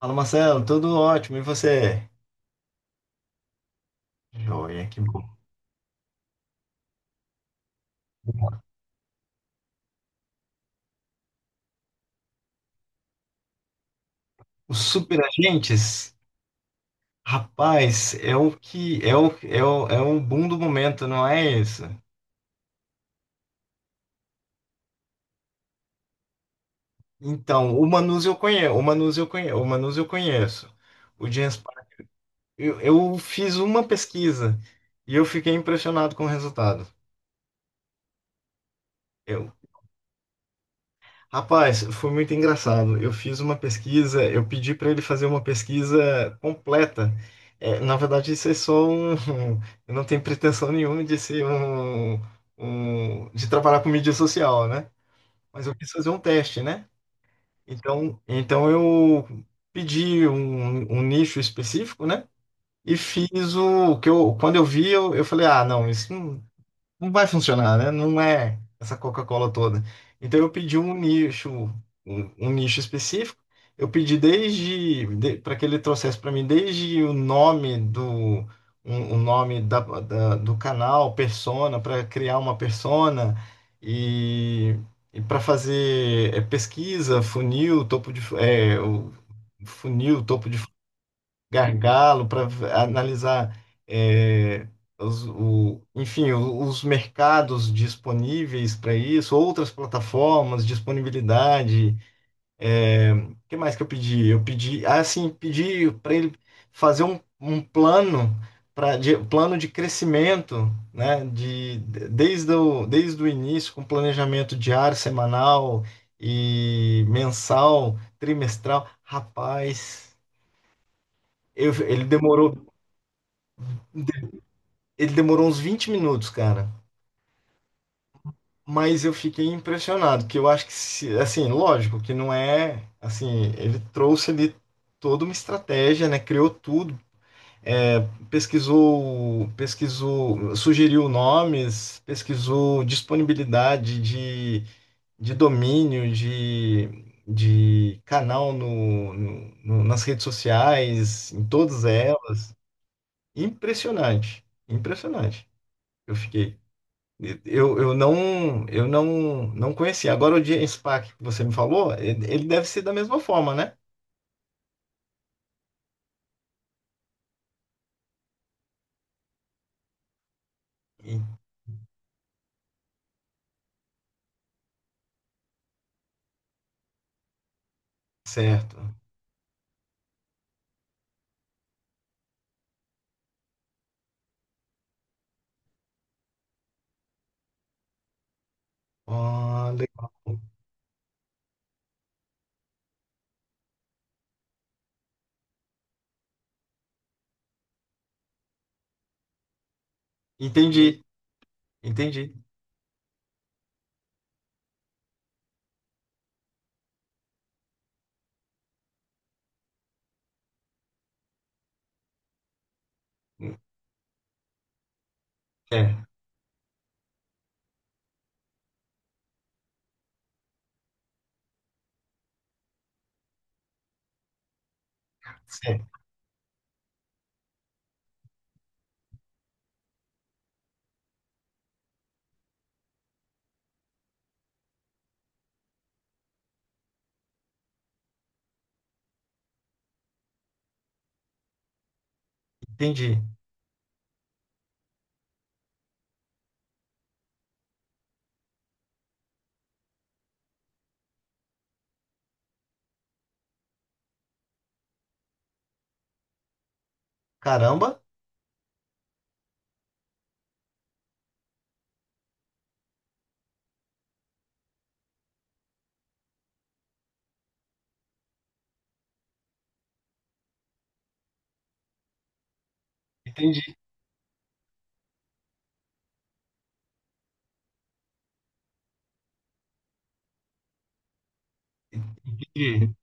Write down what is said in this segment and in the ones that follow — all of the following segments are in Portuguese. Fala, Marcelo, tudo ótimo, e você? Joia, que bom. Os superagentes, rapaz, é o que é o, é o, é um boom do momento, não é isso? Então, o Manus eu conheço, o Manus eu conheço, o Manus eu conheço. O James Park, eu fiz uma pesquisa e eu fiquei impressionado com o resultado. Rapaz, foi muito engraçado. Eu fiz uma pesquisa, eu pedi para ele fazer uma pesquisa completa. É, na verdade, isso é só um. Eu não tenho pretensão nenhuma de ser de trabalhar com mídia social, né? Mas eu quis fazer um teste, né? Então eu pedi um nicho específico, né? E fiz o que eu. Quando eu vi, eu falei: ah, não, isso não vai funcionar, né? Não é essa Coca-Cola toda. Então eu pedi um nicho, um nicho específico. Eu pedi desde para que ele trouxesse para mim desde o nome do um- o nome da, da- do canal, persona, para criar uma persona e, e para fazer pesquisa, funil, topo de gargalo para analisar, é, enfim, os mercados disponíveis para isso, outras plataformas, disponibilidade. É, o que mais que eu pedi? Eu pedi, ah, sim, pedi para ele fazer um plano. Plano de crescimento, né? Desde o início, com planejamento diário, semanal e mensal, trimestral. Rapaz, ele demorou. Ele demorou uns 20 minutos, cara. Mas eu fiquei impressionado, que eu acho que, assim, lógico que não é, assim, ele trouxe ali toda uma estratégia, né? Criou tudo, é, pesquisou, sugeriu nomes, pesquisou disponibilidade de domínio, de canal nas redes sociais, em todas elas. Impressionante, impressionante. Eu fiquei. Eu não conhecia. Agora o James Pack que você me falou, ele deve ser da mesma forma, né? E- Certo. Ah, legal. Entendi, entendi. É, certo. Entendi. Caramba, entendi, entendi.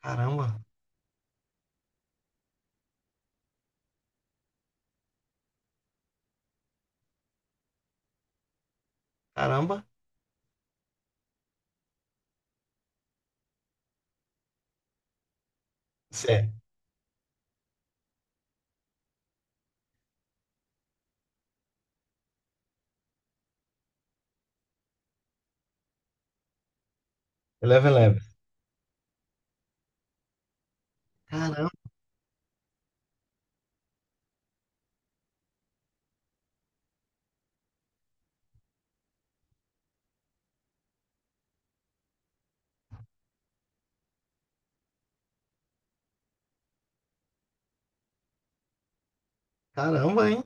Caramba, caramba. Certo. Eleven Eleven. Caramba, caramba, hein?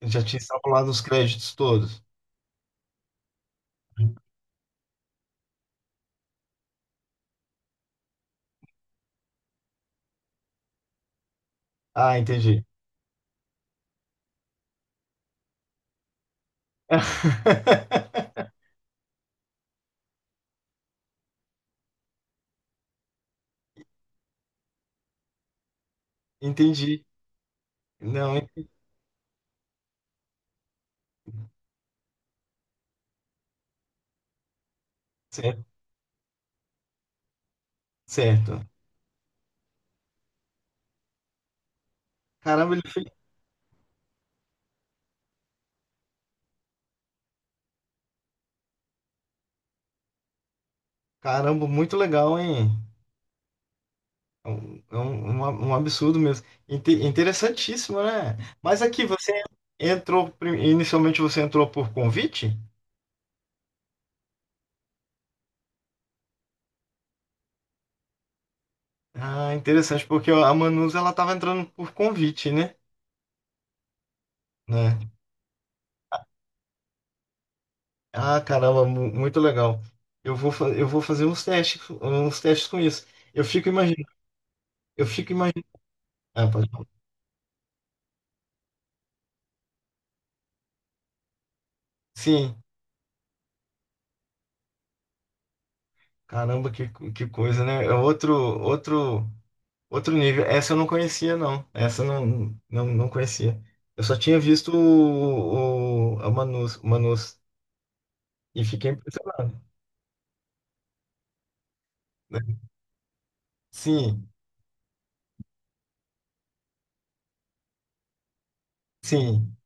Eu já tinha extrapolado os créditos todos. Ah, entendi. Entendi. Não, certo, certo. Caramba, ele fez. Caramba, muito legal, hein? É um absurdo mesmo. Interessantíssimo, né? Mas aqui você inicialmente você entrou por convite? Ah, interessante, porque a Manus ela estava entrando por convite, né? Né? Ah, caramba, muito legal. Eu vou fazer uns testes com isso. Eu fico imaginando, eu fico imaginando. Ah, pode falar. Sim, caramba, que coisa, né? É outro, outro. Outro nível. Essa eu não conhecia, não. Essa eu não conhecia. Eu só tinha visto a Manus, o Manus e fiquei impressionado. Né? Sim, sim,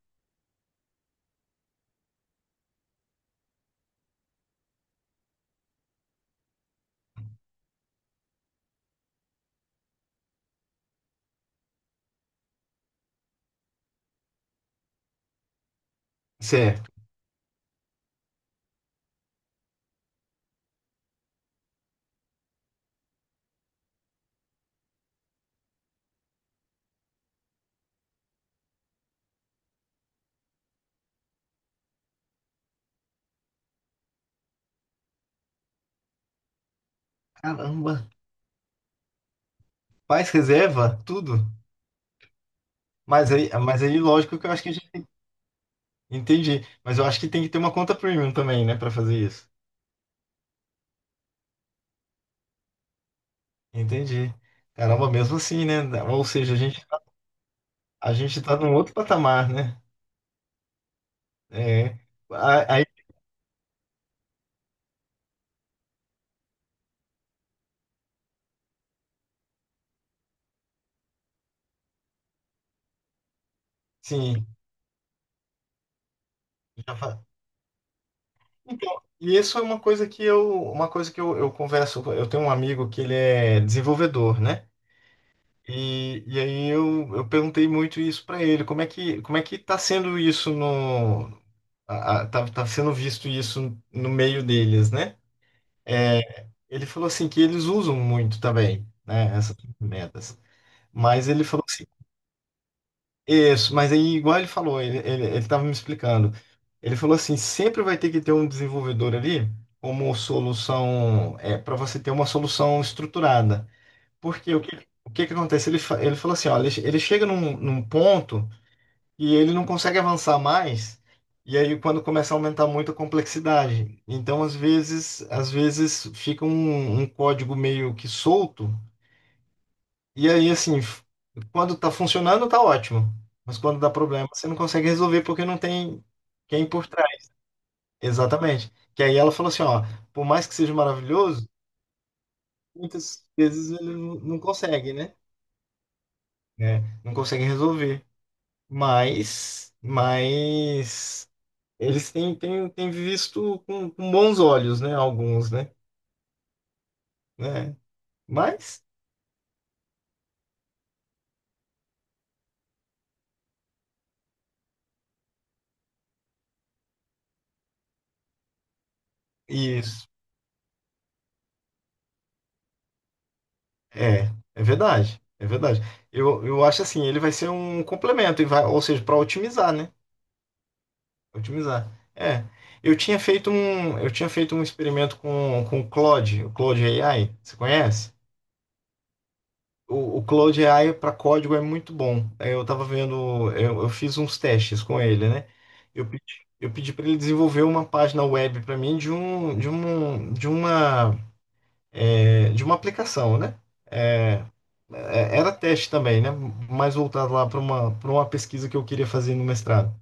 certo. Caramba. Faz reserva, tudo. Mas aí, lógico que eu acho que já entendi. Mas eu acho que tem que ter uma conta premium também, né, para fazer isso. Entendi. Caramba, mesmo assim, né? Ou seja, a gente tá num outro patamar, né? É. Aí, sim. Já fa- Então, e isso é uma coisa que eu, uma coisa que eu converso, eu tenho um amigo que ele é desenvolvedor, né? E aí eu perguntei muito isso para ele, como é que tá sendo isso no, a- tá, tá sendo visto isso no meio deles, né? É, ele falou assim que eles usam muito também, né, essas ferramentas. Mas ele falou assim. Isso, mas aí, igual ele falou, ele estava me explicando. Ele falou assim: sempre vai ter que ter um desenvolvedor ali como solução, é, para você ter uma solução estruturada. Porque o que que acontece? Ele falou assim: ó, ele chega num ponto e ele não consegue avançar mais, e aí quando começa a aumentar muito a complexidade. Então, às vezes fica um código meio que solto e aí, assim, quando tá funcionando, tá ótimo. Mas quando dá problema, você não consegue resolver porque não tem quem por trás. Exatamente. Que aí ela falou assim, ó, por mais que seja maravilhoso, muitas vezes ele não consegue, né? É, não consegue resolver. Mas eles têm visto com bons olhos, né? Alguns, né? Né? Mas, isso. É, é verdade, é verdade. Eu acho assim, ele vai ser um complemento, e vai, ou seja, para otimizar, né? Otimizar. É. Eu tinha feito um experimento com o Claude AI, você conhece? O Claude AI para código é muito bom. Aí eu estava vendo, eu fiz uns testes com ele, né? Eu pedi para ele desenvolver uma página web para mim de um, de um, de uma, é, de uma aplicação, né? É, era teste também, né? Mais voltado lá para uma pesquisa que eu queria fazer no mestrado.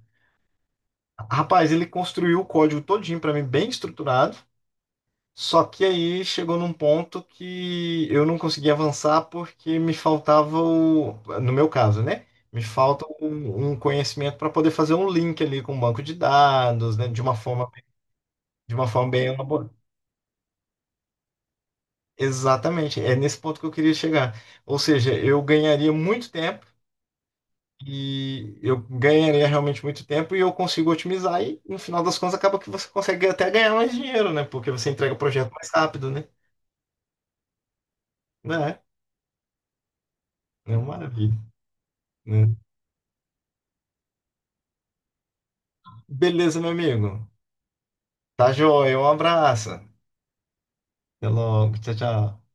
Rapaz, ele construiu o código todinho para mim, bem estruturado. Só que aí chegou num ponto que eu não conseguia avançar porque me faltava no meu caso, né? Me falta um conhecimento para poder fazer um link ali com o banco de dados, né? De uma forma bem elaborada. Exatamente, é nesse ponto que eu queria chegar. Ou seja, eu ganharia muito tempo. E eu ganharia realmente muito tempo e eu consigo otimizar. E no final das contas, acaba que você consegue até ganhar mais dinheiro, né? Porque você entrega o projeto mais rápido, né? Né? É, é uma maravilha, né? Beleza, meu amigo. Tá joia. Um abraço. Até logo. Tchau, tchau.